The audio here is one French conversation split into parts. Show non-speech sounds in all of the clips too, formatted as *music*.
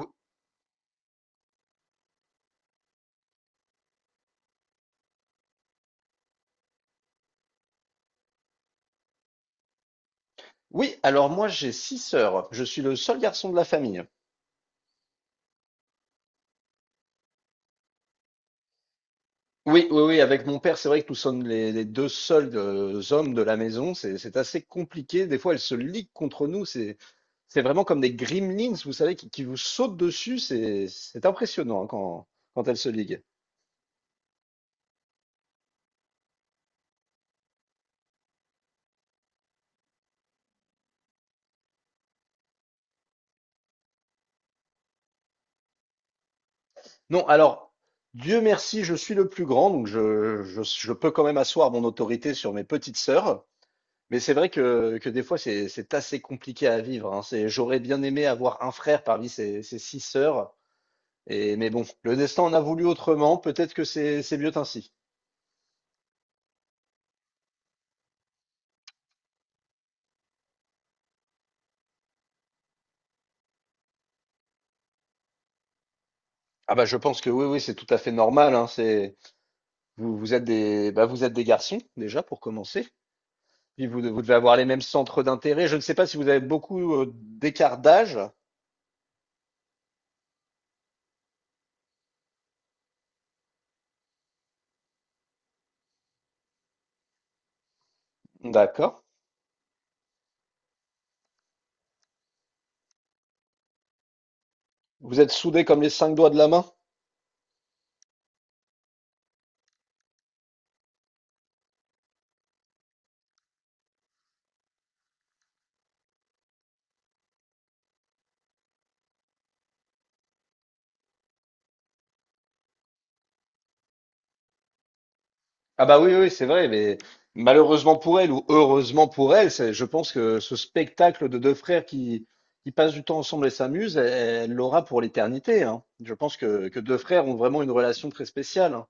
Ou- Oui, alors moi j'ai six sœurs. Je suis le seul garçon de la famille. Oui, oui, oui, avec mon père, c'est vrai que nous sommes les deux seuls hommes de la maison. C'est assez compliqué. Des fois, elles se liguent contre nous. C'est vraiment comme des gremlins, vous savez, qui vous sautent dessus. C'est impressionnant, hein, quand elles se liguent. Non, alors, Dieu merci, je suis le plus grand, donc je peux quand même asseoir mon autorité sur mes petites sœurs. Mais c'est vrai que des fois, c'est assez compliqué à vivre, hein. C'est, j'aurais bien aimé avoir un frère parmi ces six sœurs. Mais bon, le destin en a voulu autrement. Peut-être que c'est mieux ainsi. Ah bah je pense que oui, oui, c'est tout à fait normal, hein. Vous êtes des, bah, vous êtes des garçons déjà pour commencer. Puis vous devez avoir les mêmes centres d'intérêt. Je ne sais pas si vous avez beaucoup d'écart d'âge. D'accord. Vous êtes soudés comme les cinq doigts de la main. Ah bah oui, oui, c'est vrai, mais malheureusement pour elle, ou heureusement pour elle, je pense que ce spectacle de deux frères qui passent du temps ensemble et s'amusent, elle l'aura pour l'éternité, hein. Je pense que deux frères ont vraiment une relation très spéciale, hein.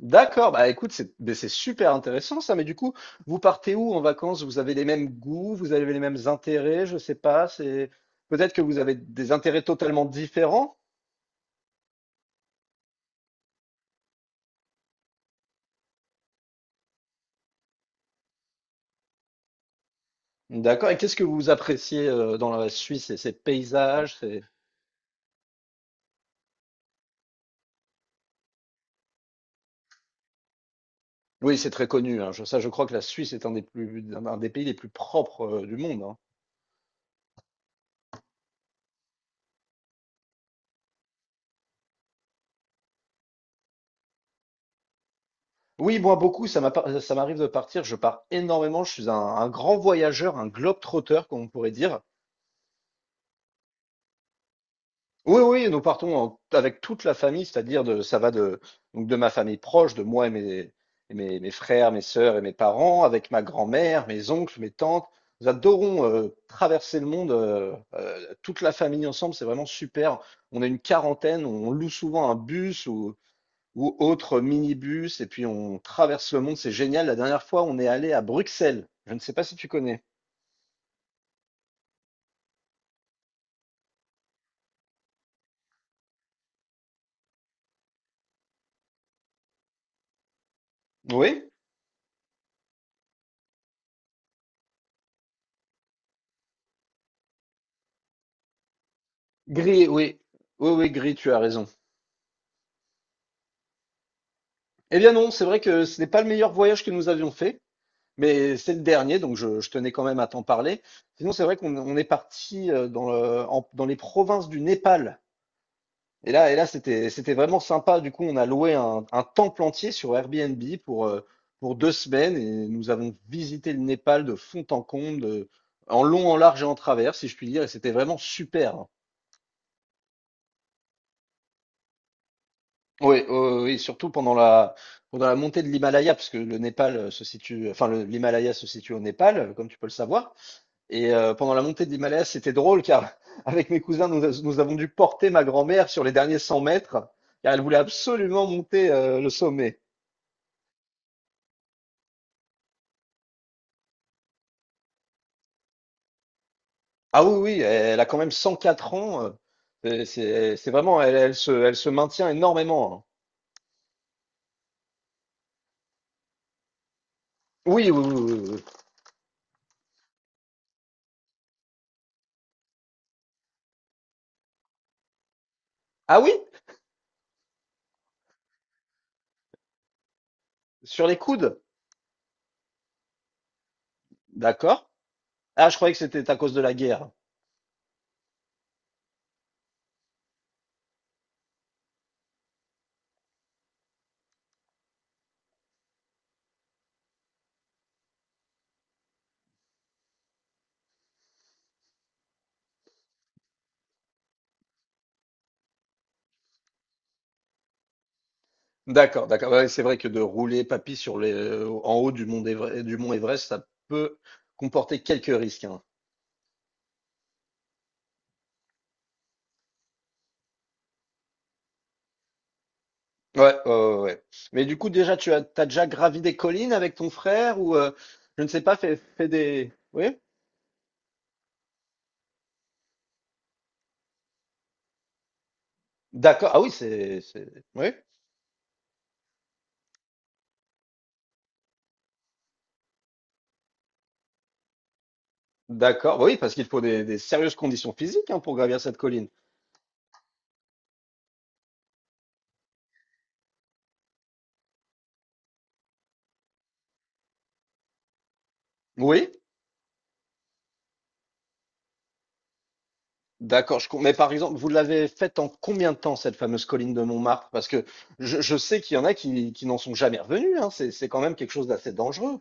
D'accord, bah écoute, c'est mais c'est super intéressant ça, mais du coup, vous partez où en vacances? Vous avez les mêmes goûts, vous avez les mêmes intérêts, je sais pas, c'est peut-être que vous avez des intérêts totalement différents. D'accord, et qu'est-ce que vous appréciez dans la Suisse? C'est ses paysages. Oui, c'est très connu, hein. Ça, je crois que la Suisse est un des plus, un des pays les plus propres du monde, hein. Oui, moi, beaucoup, ça m'a pas- ça m'arrive de partir. Je pars énormément. Je suis un grand voyageur, un globe-trotter, comme on pourrait dire. Oui, oui, nous partons avec toute la famille, c'est-à-dire de, ça va de, donc de ma famille proche, de moi et mes frères, mes sœurs et mes parents, avec ma grand-mère, mes oncles, mes tantes. Nous adorons traverser le monde, toute la famille ensemble, c'est vraiment super. On est une quarantaine, on loue souvent un bus ou autre minibus, et puis on traverse le monde, c'est génial. La dernière fois, on est allé à Bruxelles. Je ne sais pas si tu connais. Oui? Gris, oui. Oui, oui, gris, tu as raison. Eh bien non, c'est vrai que ce n'est pas le meilleur voyage que nous avions fait, mais c'est le dernier, donc je tenais quand même à t'en parler. Sinon, c'est vrai qu'on est parti dans les provinces du Népal. Et là, c'était vraiment sympa. Du coup, on a loué un temple entier sur Airbnb pour 2 semaines et nous avons visité le Népal de fond en comble, en long, en large et en travers, si je puis dire. Et c'était vraiment super, hein. Oui, oui, oui, oui, surtout pendant la montée de l'Himalaya, parce que le Népal se situe, enfin, l'Himalaya se situe au Népal, comme tu peux le savoir. Et pendant la montée de l'Himalaya, c'était drôle car *laughs* avec mes cousins, nous avons dû porter ma grand-mère sur les derniers 100 mètres car elle voulait absolument monter le sommet. Ah oui, oui, elle a quand même 104 ans. C'est vraiment, elle se maintient énormément, hein. Oui, oui, oui, oui, oui. Ah oui, sur les coudes. D'accord. Ah, je croyais que c'était à cause de la guerre. D'accord, d'accord. Ouais, c'est vrai que de rouler papy en haut du mont Everest, ça peut comporter quelques risques, hein. Ouais, ouais, ouais, ouais. Mais du coup, déjà, t'as déjà gravi des collines avec ton frère ou, je ne sais pas, fait des. Oui? D'accord. Ah oui, c'est. Oui. D'accord, bah oui, parce qu'il faut des sérieuses conditions physiques, hein, pour gravir cette colline. Oui, d'accord. Mais par exemple, vous l'avez faite en combien de temps, cette fameuse colline de Montmartre? Parce que je sais qu'il y en a qui n'en sont jamais revenus, hein. C'est quand même quelque chose d'assez dangereux.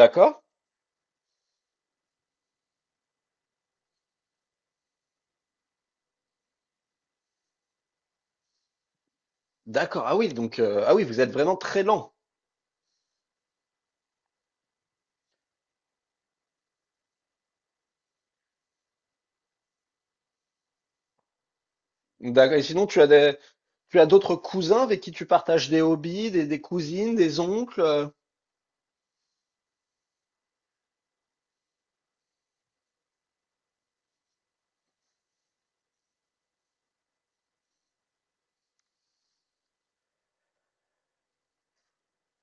D'accord? D'accord. Ah oui, donc ah oui, vous êtes vraiment très lent. D'accord. Et sinon, tu as tu as d'autres cousins avec qui tu partages des hobbies, des cousines, des oncles?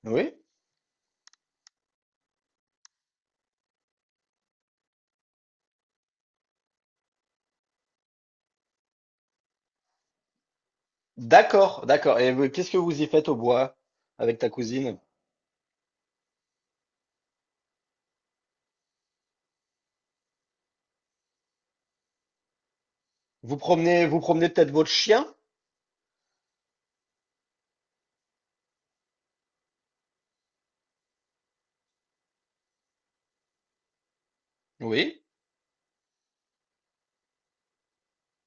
Oui. D'accord, d'accord. Et qu'est-ce que vous y faites au bois avec ta cousine? Vous promenez peut-être votre chien? Oui.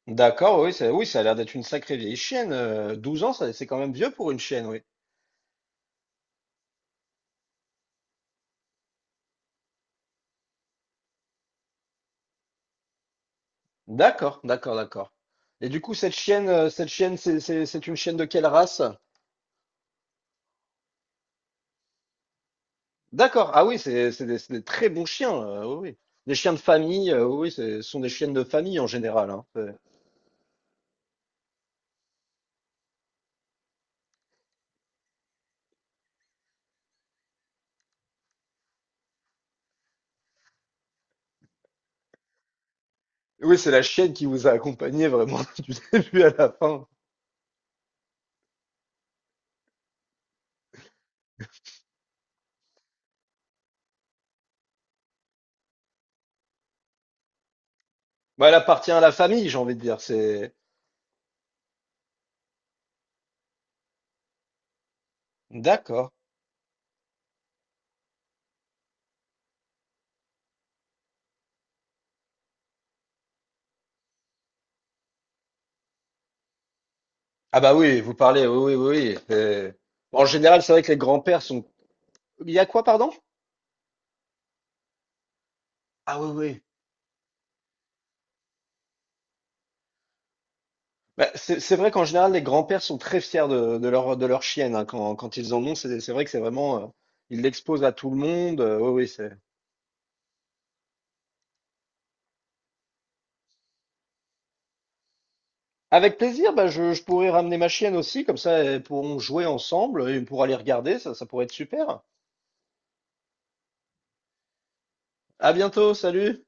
D'accord, oui, ça a l'air d'être une sacrée vieille chienne. 12 ans, c'est quand même vieux pour une chienne, oui. D'accord, d'accord, d'accord. Et du coup, cette chienne, c'est une chienne de quelle race? D'accord, ah oui, c'est des très bons chiens, oui, oui. Des chiens de famille, oui, ce sont des chiennes de famille en général, hein. Oui, c'est la chienne qui vous a accompagné vraiment *laughs* du début à la fin. Bah, elle appartient à la famille, j'ai envie de dire. D'accord. Ah bah oui, vous parlez, oui, oui, oui, oui. En général, c'est vrai que les grands-pères sont. Il y a quoi, pardon? Ah oui, oui. Bah, c'est vrai qu'en général, les grands-pères sont très fiers de leur chienne, hein, quand ils en ont, c'est vrai que c'est vraiment. Ils l'exposent à tout le monde. Oui, oui, Avec plaisir, bah, je pourrais ramener ma chienne aussi, comme ça, elles pourront jouer ensemble et on pourra les regarder, ça pourrait être super. À bientôt, salut!